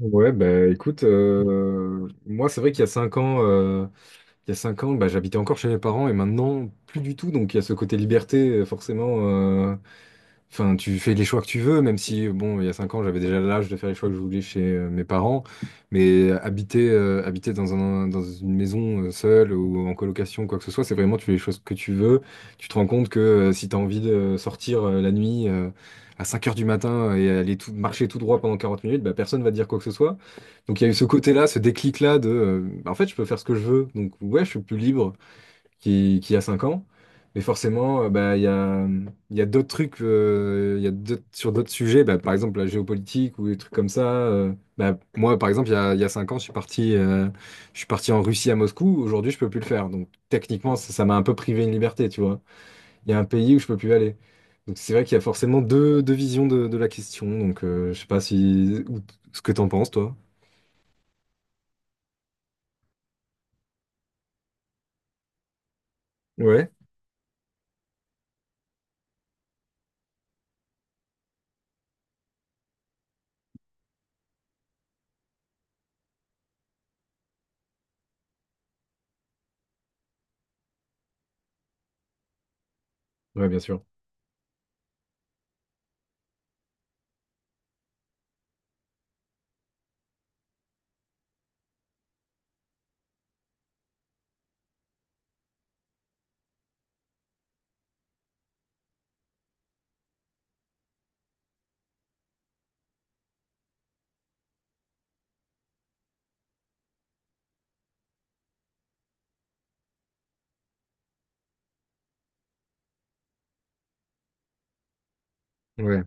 Ouais, bah écoute, moi c'est vrai qu'il y a 5 ans, bah, j'habitais encore chez mes parents et maintenant plus du tout. Donc il y a ce côté liberté, forcément. Enfin, tu fais les choix que tu veux, même si bon, il y a 5 ans, j'avais déjà l'âge de faire les choix que je voulais chez mes parents. Mais habiter, dans une maison seule ou en colocation, quoi que ce soit, c'est vraiment tu fais les choses que tu veux. Tu te rends compte que si tu as envie de sortir la nuit à 5 heures du matin et marcher tout droit pendant 40 minutes, bah, personne va te dire quoi que ce soit. Donc il y a eu ce côté-là, ce déclic-là de bah, en fait je peux faire ce que je veux, donc ouais je suis plus libre qu'il y a 5 ans, mais forcément bah, il y a d'autres trucs, il y a d'autres- sur d'autres sujets, bah, par exemple la géopolitique ou des trucs comme ça. Bah, moi par exemple il y a 5 ans je suis parti en Russie à Moscou, aujourd'hui je peux plus le faire, donc techniquement ça m'a un peu privé une liberté, tu vois. Il y a un pays où je peux plus aller. Donc c'est vrai qu'il y a forcément deux visions de la question, donc je sais pas si ce que t'en penses toi. Ouais. Ouais, bien sûr. Ouais.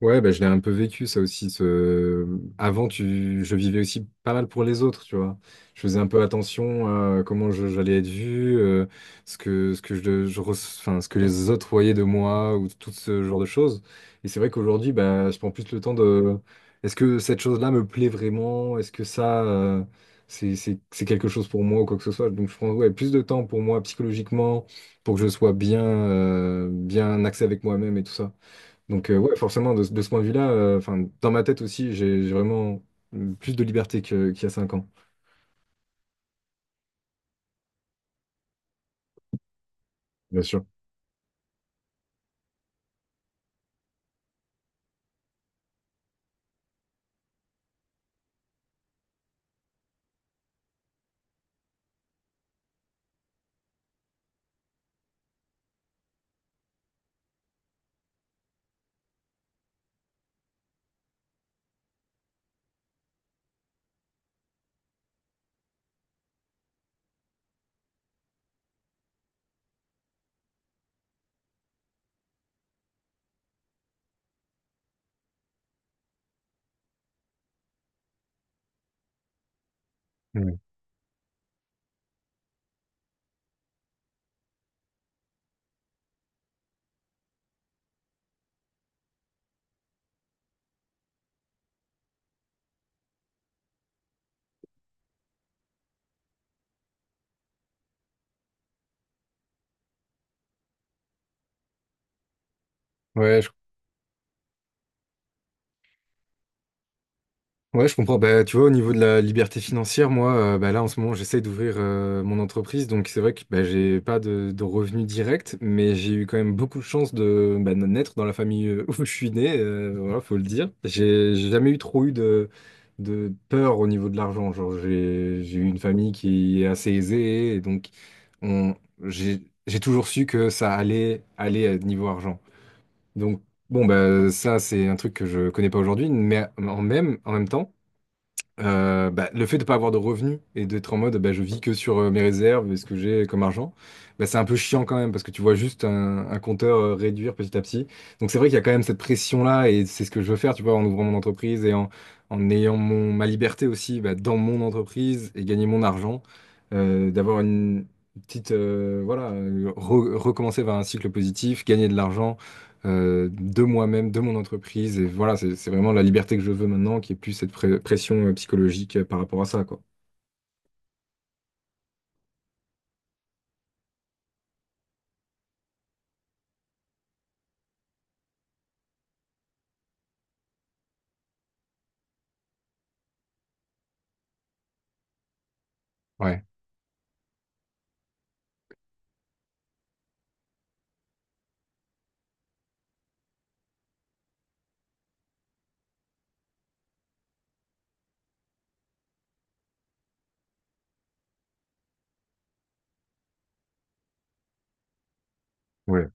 Ouais, bah, je l'ai un peu vécu, ça aussi. Avant, je vivais aussi pas mal pour les autres, tu vois. Je faisais un peu attention à comment j'allais être vu, ce que je enfin, ce que les autres voyaient de moi, ou tout ce genre de choses. Et c'est vrai qu'aujourd'hui, bah, je prends plus le temps Est-ce que cette chose-là me plaît vraiment? Est-ce que ça, c'est quelque chose pour moi ou quoi que ce soit? Donc, je prends, ouais, plus de temps pour moi psychologiquement, pour que je sois bien, bien axé avec moi-même et tout ça. Donc, ouais, forcément, de ce point de vue-là, enfin, dans ma tête aussi, j'ai vraiment plus de liberté qu'il y a 5 ans, bien sûr. Ouais, Ouais, je Ouais, je comprends. Bah, tu vois, au niveau de la liberté financière, moi, bah, là, en ce moment, j'essaye d'ouvrir mon entreprise. Donc, c'est vrai que bah, j'ai pas de revenus directs, mais j'ai eu quand même beaucoup de chance bah, de naître dans la famille où je suis né. Voilà, faut le dire. J'ai jamais eu trop eu de peur au niveau de l'argent. Genre, j'ai eu une famille qui est assez aisée, et donc on, j'ai toujours su que ça allait aller à niveau argent. Donc, bon, bah, ça, c'est un truc que je connais pas aujourd'hui, mais en même temps. Bah, le fait de pas avoir de revenus et d'être en mode bah, je vis que sur mes réserves et ce que j'ai comme argent, bah, c'est un peu chiant quand même parce que tu vois juste un compteur réduire petit à petit. Donc c'est vrai qu'il y a quand même cette pression-là et c'est ce que je veux faire, tu vois, en ouvrant mon entreprise en ayant ma liberté aussi bah, dans mon entreprise et gagner mon argent, d'avoir une petite, voilà, recommencer vers un cycle positif, gagner de l'argent de moi-même, de mon entreprise. Et voilà, c'est vraiment la liberté que je veux maintenant, qui est plus cette pression psychologique par rapport à ça, quoi. Ouais, ouais,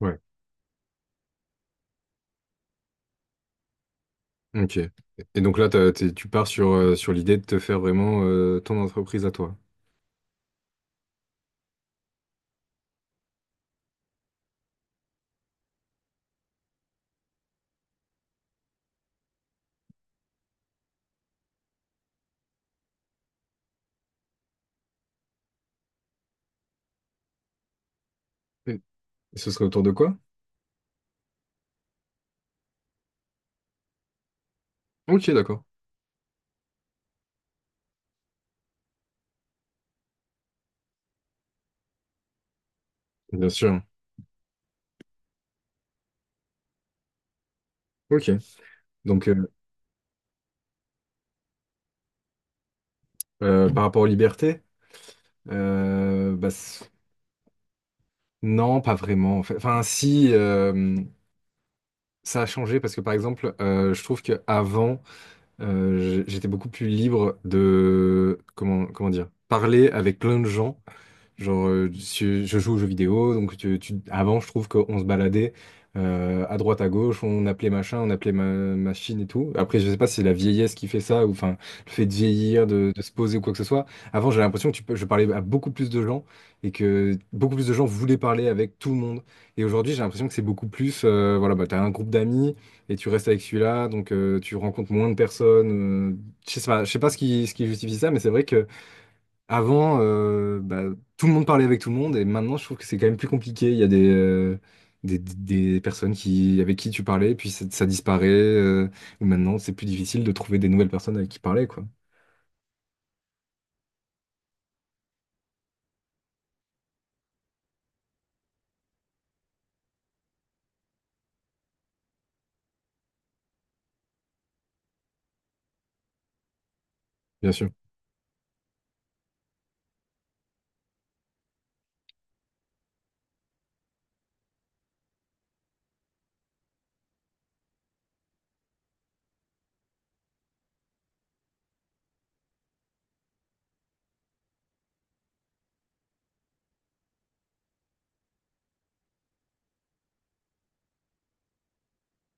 ouais. Ok. Et donc là, tu pars sur, sur l'idée de te faire vraiment ton entreprise à toi. Et et ce serait autour de quoi? Ok, d'accord. Bien sûr. Ok. Donc, par rapport aux libertés, bah, non, pas vraiment, en fait. Enfin, si, ça a changé parce que, par exemple, je trouve qu'avant, j'étais beaucoup plus libre de, comment dire, parler avec plein de gens. Genre, je joue aux jeux vidéo, donc avant, je trouve qu'on se baladait à droite, à gauche, on appelait machin, on appelait machine et tout. Après, je sais pas si c'est la vieillesse qui fait ça, ou enfin, le fait de vieillir, de se poser ou quoi que ce soit. Avant, j'avais l'impression je parlais à beaucoup plus de gens et que beaucoup plus de gens voulaient parler avec tout le monde. Et aujourd'hui, j'ai l'impression que c'est beaucoup plus, voilà, bah, t'as un groupe d'amis et tu restes avec celui-là, donc tu rencontres moins de personnes. euh, je sais pas, je sais pas ce qui, ce qui justifie ça, mais c'est vrai que avant, bah, tout le monde parlait avec tout le monde, et maintenant je trouve que c'est quand même plus compliqué. Il y a des, des, des- des personnes qui, avec qui tu parlais, puis ça disparaît, ou maintenant c'est plus difficile de trouver des nouvelles personnes avec qui parler, quoi. Bien sûr.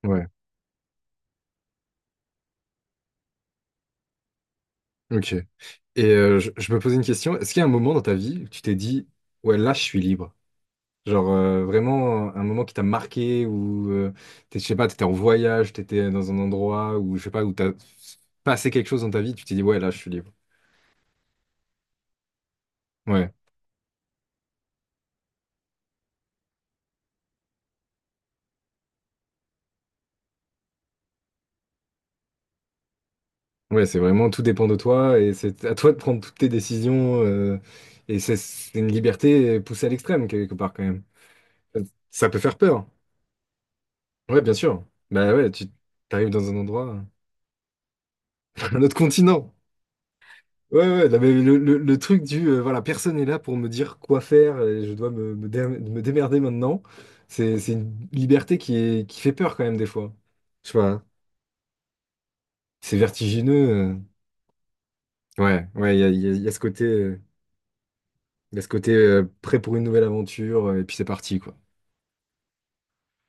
Ouais. Ok. Et je me posais une question. Est-ce qu'il y a un moment dans ta vie où tu t'es dit, ouais, là je suis libre? Genre vraiment un moment qui t'a marqué ou je sais pas, t'étais en voyage, t'étais dans un endroit où je sais pas où t'as passé quelque chose dans ta vie, tu t'es dit ouais là je suis libre. Ouais, ouais, c'est vraiment tout dépend de toi et c'est à toi de prendre toutes tes décisions et c'est une liberté poussée à l'extrême quelque part quand même. Ça peut faire peur. Ouais, bien sûr. Bah ouais, tu t'arrives dans un endroit, un autre continent. Ouais, ouais, non, mais le truc du voilà, personne n'est là pour me dire quoi faire et je dois me démerder maintenant. C'est une liberté qui est, qui fait peur quand même des fois. Je sais pas, c'est vertigineux. Ouais, ouais, il y a ce côté, prêt pour une nouvelle aventure et puis c'est parti, quoi.